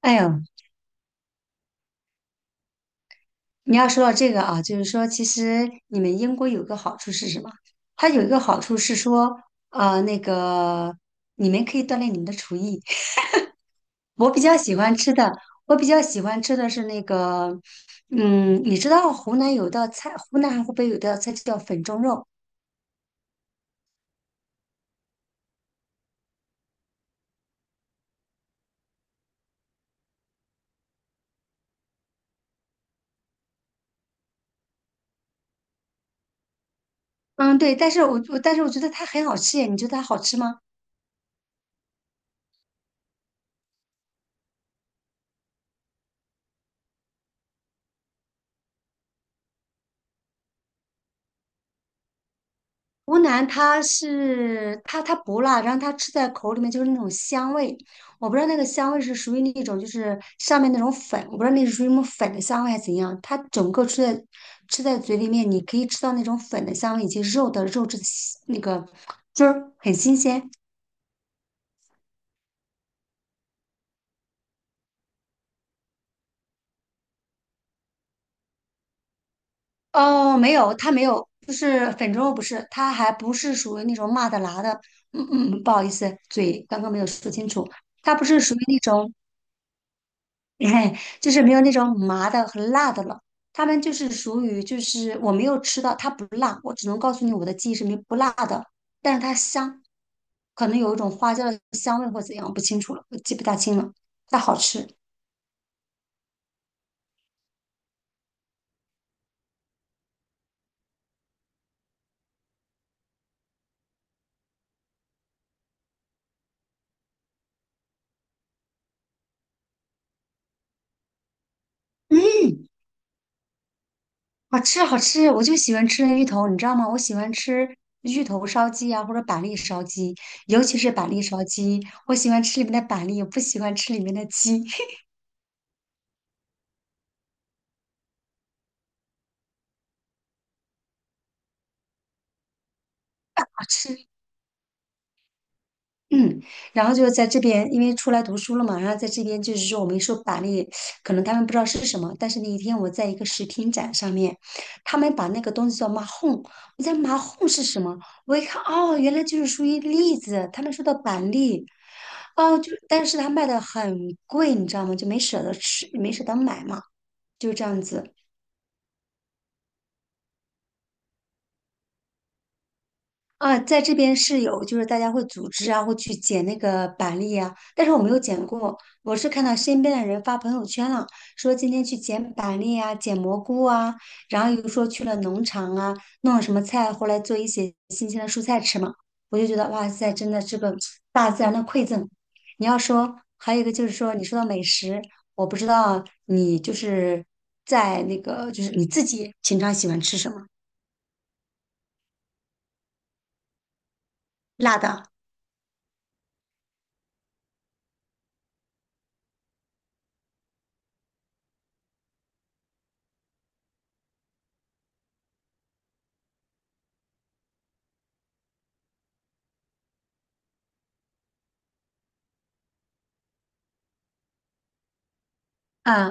哎呦，你要说到这个啊，就是说，其实你们英国有个好处是什么？它有一个好处是说，呃，那个你们可以锻炼你们的厨艺。我比较喜欢吃的，我比较喜欢吃的是那个，嗯，你知道湖南有道菜，湖南还湖北有道菜叫粉蒸肉，嗯，对，但是我但是我觉得它很好吃耶，你觉得它好吃吗？湖南它是它不辣，然后它吃在口里面就是那种香味，我不知道那个香味是属于那种就是上面那种粉，我不知道那是属于什么粉的香味还是怎样，它整个吃在吃在嘴里面，你可以吃到那种粉的香味以及肉的肉质的新那个汁儿很新鲜。哦，没有，它没有，就是粉蒸肉不是，它还不是属于那种麻的辣的，嗯嗯，不好意思，嘴刚刚没有说清楚，它不是属于那种。哎，就是没有那种麻的和辣的了。他们就是属于，就是我没有吃到，它不辣，我只能告诉你我的记忆是没不辣的，但是它香，可能有一种花椒的香味或怎样，不清楚了，我记不大清了，但好吃。嗯，好吃好吃，我就喜欢吃那芋头，你知道吗？我喜欢吃芋头烧鸡啊，或者板栗烧鸡，尤其是板栗烧鸡，我喜欢吃里面的板栗，不喜欢吃里面的鸡，好吃。嗯，然后就是在这边，因为出来读书了嘛，然后在这边就是说我们说板栗，可能他们不知道是什么，但是那一天我在一个食品展上面，他们把那个东西叫马哄，我在马哄是什么？我一看，哦，原来就是属于栗子，他们说的板栗，哦，就但是他卖的很贵，你知道吗？就没舍得吃，没舍得买嘛，就这样子。啊，在这边是有，就是大家会组织啊，会去捡那个板栗啊，但是我没有捡过，我是看到身边的人发朋友圈了，说今天去捡板栗啊，捡蘑菇啊，然后又说去了农场啊，弄了什么菜回来做一些新鲜的蔬菜吃嘛，我就觉得哇塞，真的是个 大自然的馈赠。你要说还有一个就是说，你说到美食，我不知道你就是在那个就是你自己平常喜欢吃什么，辣的啊，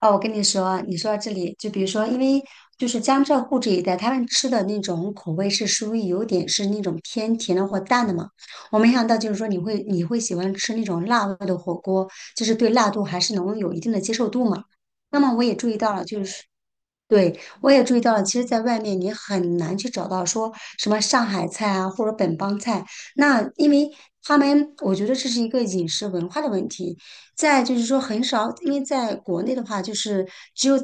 哦，我跟你说，你说到这里，就比如说，因为就是江浙沪这一带，他们吃的那种口味是属于有点是那种偏甜的或淡的嘛。我没想到就是说你会喜欢吃那种辣味的火锅，就是对辣度还是能有一定的接受度嘛。那么我也注意到了，就是对，我也注意到了，其实，在外面你很难去找到说什么上海菜啊，或者本帮菜。那因为他们，我觉得这是一个饮食文化的问题。再就是说，很少，因为在国内的话，就是只有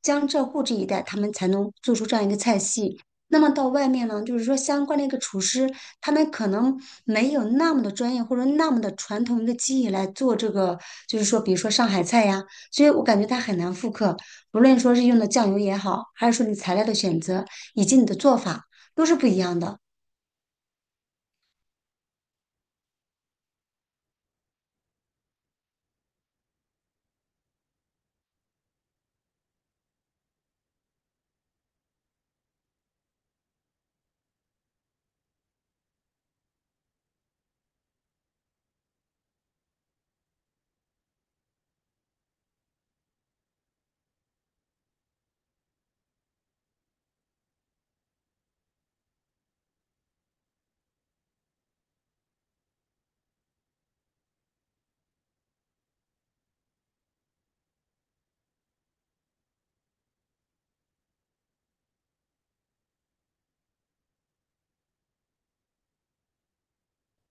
江浙沪这一带，他们才能做出这样一个菜系。那么到外面呢，就是说相关的一个厨师，他们可能没有那么的专业或者那么的传统一个技艺来做这个，就是说，比如说上海菜呀，所以我感觉他很难复刻。不论说是用的酱油也好，还是说你材料的选择以及你的做法，都是不一样的。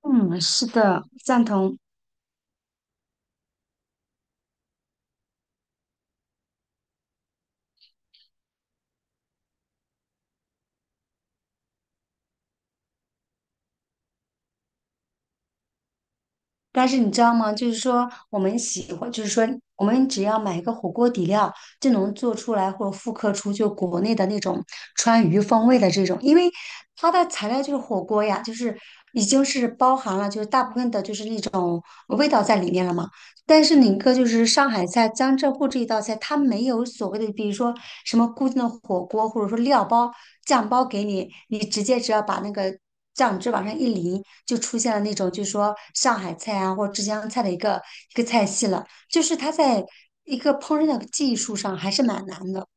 嗯，是的，赞同。但是你知道吗？就是说我们喜欢，就是说我们只要买一个火锅底料，就能做出来或者复刻出就国内的那种川渝风味的这种，因为它的材料就是火锅呀，就是已经是包含了就是大部分的就是那种味道在里面了嘛。但是宁珂就是上海菜、江浙沪这一道菜，它没有所谓的，比如说什么固定的火锅，或者说料包、酱包给你，你直接只要把那个酱汁往上一淋，就出现了那种就是说上海菜啊或者浙江菜的一个菜系了。就是它在一个烹饪的技术上还是蛮难的。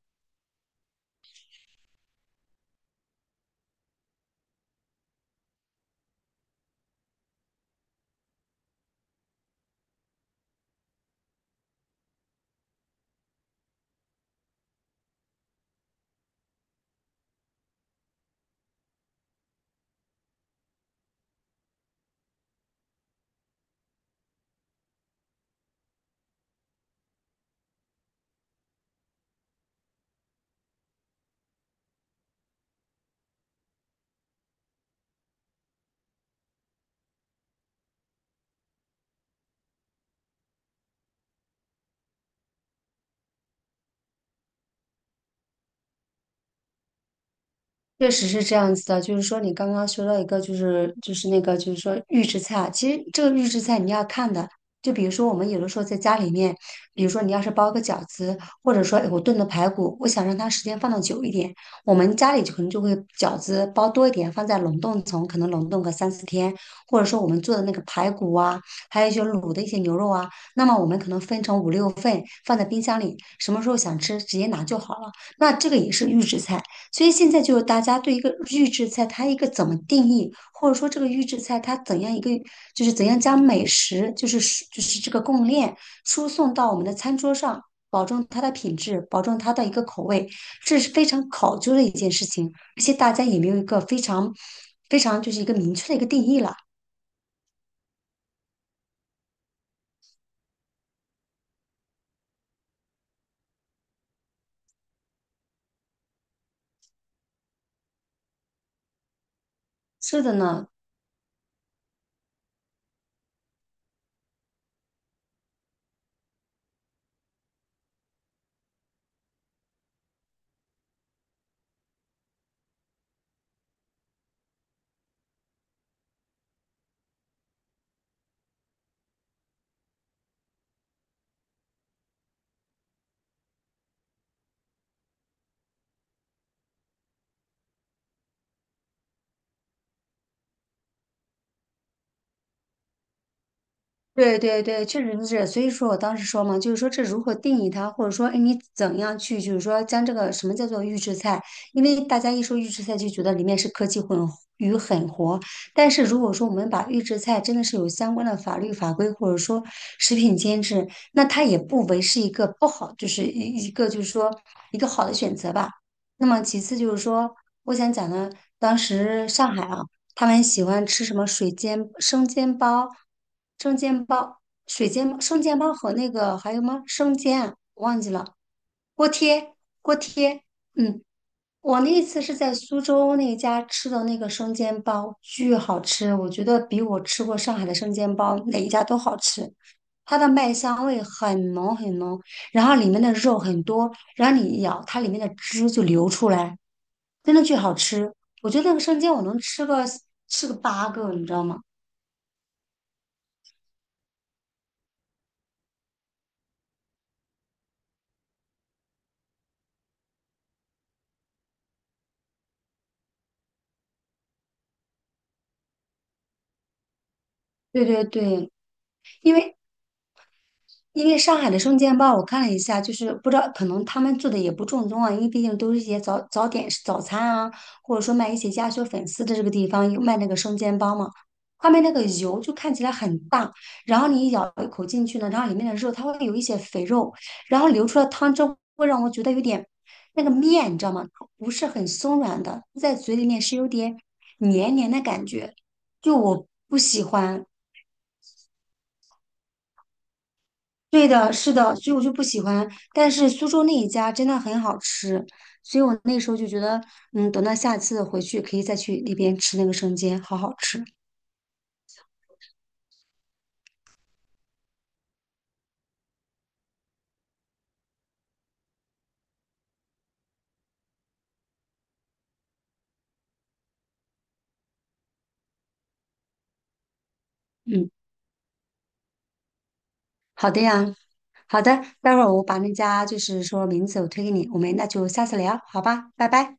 确实是这样子的，就是说你刚刚说到一个，就是那个，就是说预制菜，啊。其实这个预制菜你要看的，就比如说我们有的时候在家里面，比如说你要是包个饺子，或者说哎我炖的排骨，我想让它时间放的久一点，我们家里就可能就会饺子包多一点，放在冷冻层，可能冷冻个三四天，或者说我们做的那个排骨啊，还有一些卤的一些牛肉啊，那么我们可能分成五六份放在冰箱里，什么时候想吃直接拿就好了。那这个也是预制菜。所以现在就是大家对一个预制菜，它一个怎么定义，或者说这个预制菜它怎样一个，就是怎样将美食，就是这个供应链输送到我们的餐桌上，保证它的品质，保证它的一个口味，这是非常考究的一件事情，而且大家也没有一个非常就是一个明确的一个定义了。是的呢，对对对，确实是这所以说我当时说嘛，就是说这如何定义它，或者说，哎，你怎样去，就是说将这个什么叫做预制菜？因为大家一说预制菜就觉得里面是科技混与狠活，但是如果说我们把预制菜真的是有相关的法律法规，或者说食品监制，那它也不为是一个不好，就是一个就是说一个好的选择吧。那么其次就是说，我想讲的，当时上海啊。他们喜欢吃什么水煎生煎包、生煎包、水煎生煎包和那个还有吗？生煎啊我忘记了，锅贴锅贴。嗯，我那一次是在苏州那家吃的那个生煎包，巨好吃，我觉得比我吃过上海的生煎包哪一家都好吃。它的麦香味很浓很浓，然后里面的肉很多，然后你一咬，它里面的汁就流出来，真的巨好吃。我觉得那个生煎我能吃个吃个8个，你知道吗？对对对，因为因为上海的生煎包，我看了一下，就是不知道可能他们做的也不正宗啊，因为毕竟都是一些早早点早餐啊，或者说卖一些鸭血粉丝的这个地方有卖那个生煎包嘛，他们那个油就看起来很大，然后你一咬一口进去呢，然后里面的肉它会有一些肥肉，然后流出来汤汁会让我觉得有点那个面，你知道吗？它不是很松软的，在嘴里面是有点黏黏的感觉，就我不喜欢。对的，是的，所以我就不喜欢。但是苏州那一家真的很好吃，所以我那时候就觉得，嗯，等到下次回去可以再去那边吃那个生煎，好好吃。嗯，好的呀，好的，待会儿我把那家就是说名字我推给你，我们那就下次聊，好吧，拜拜。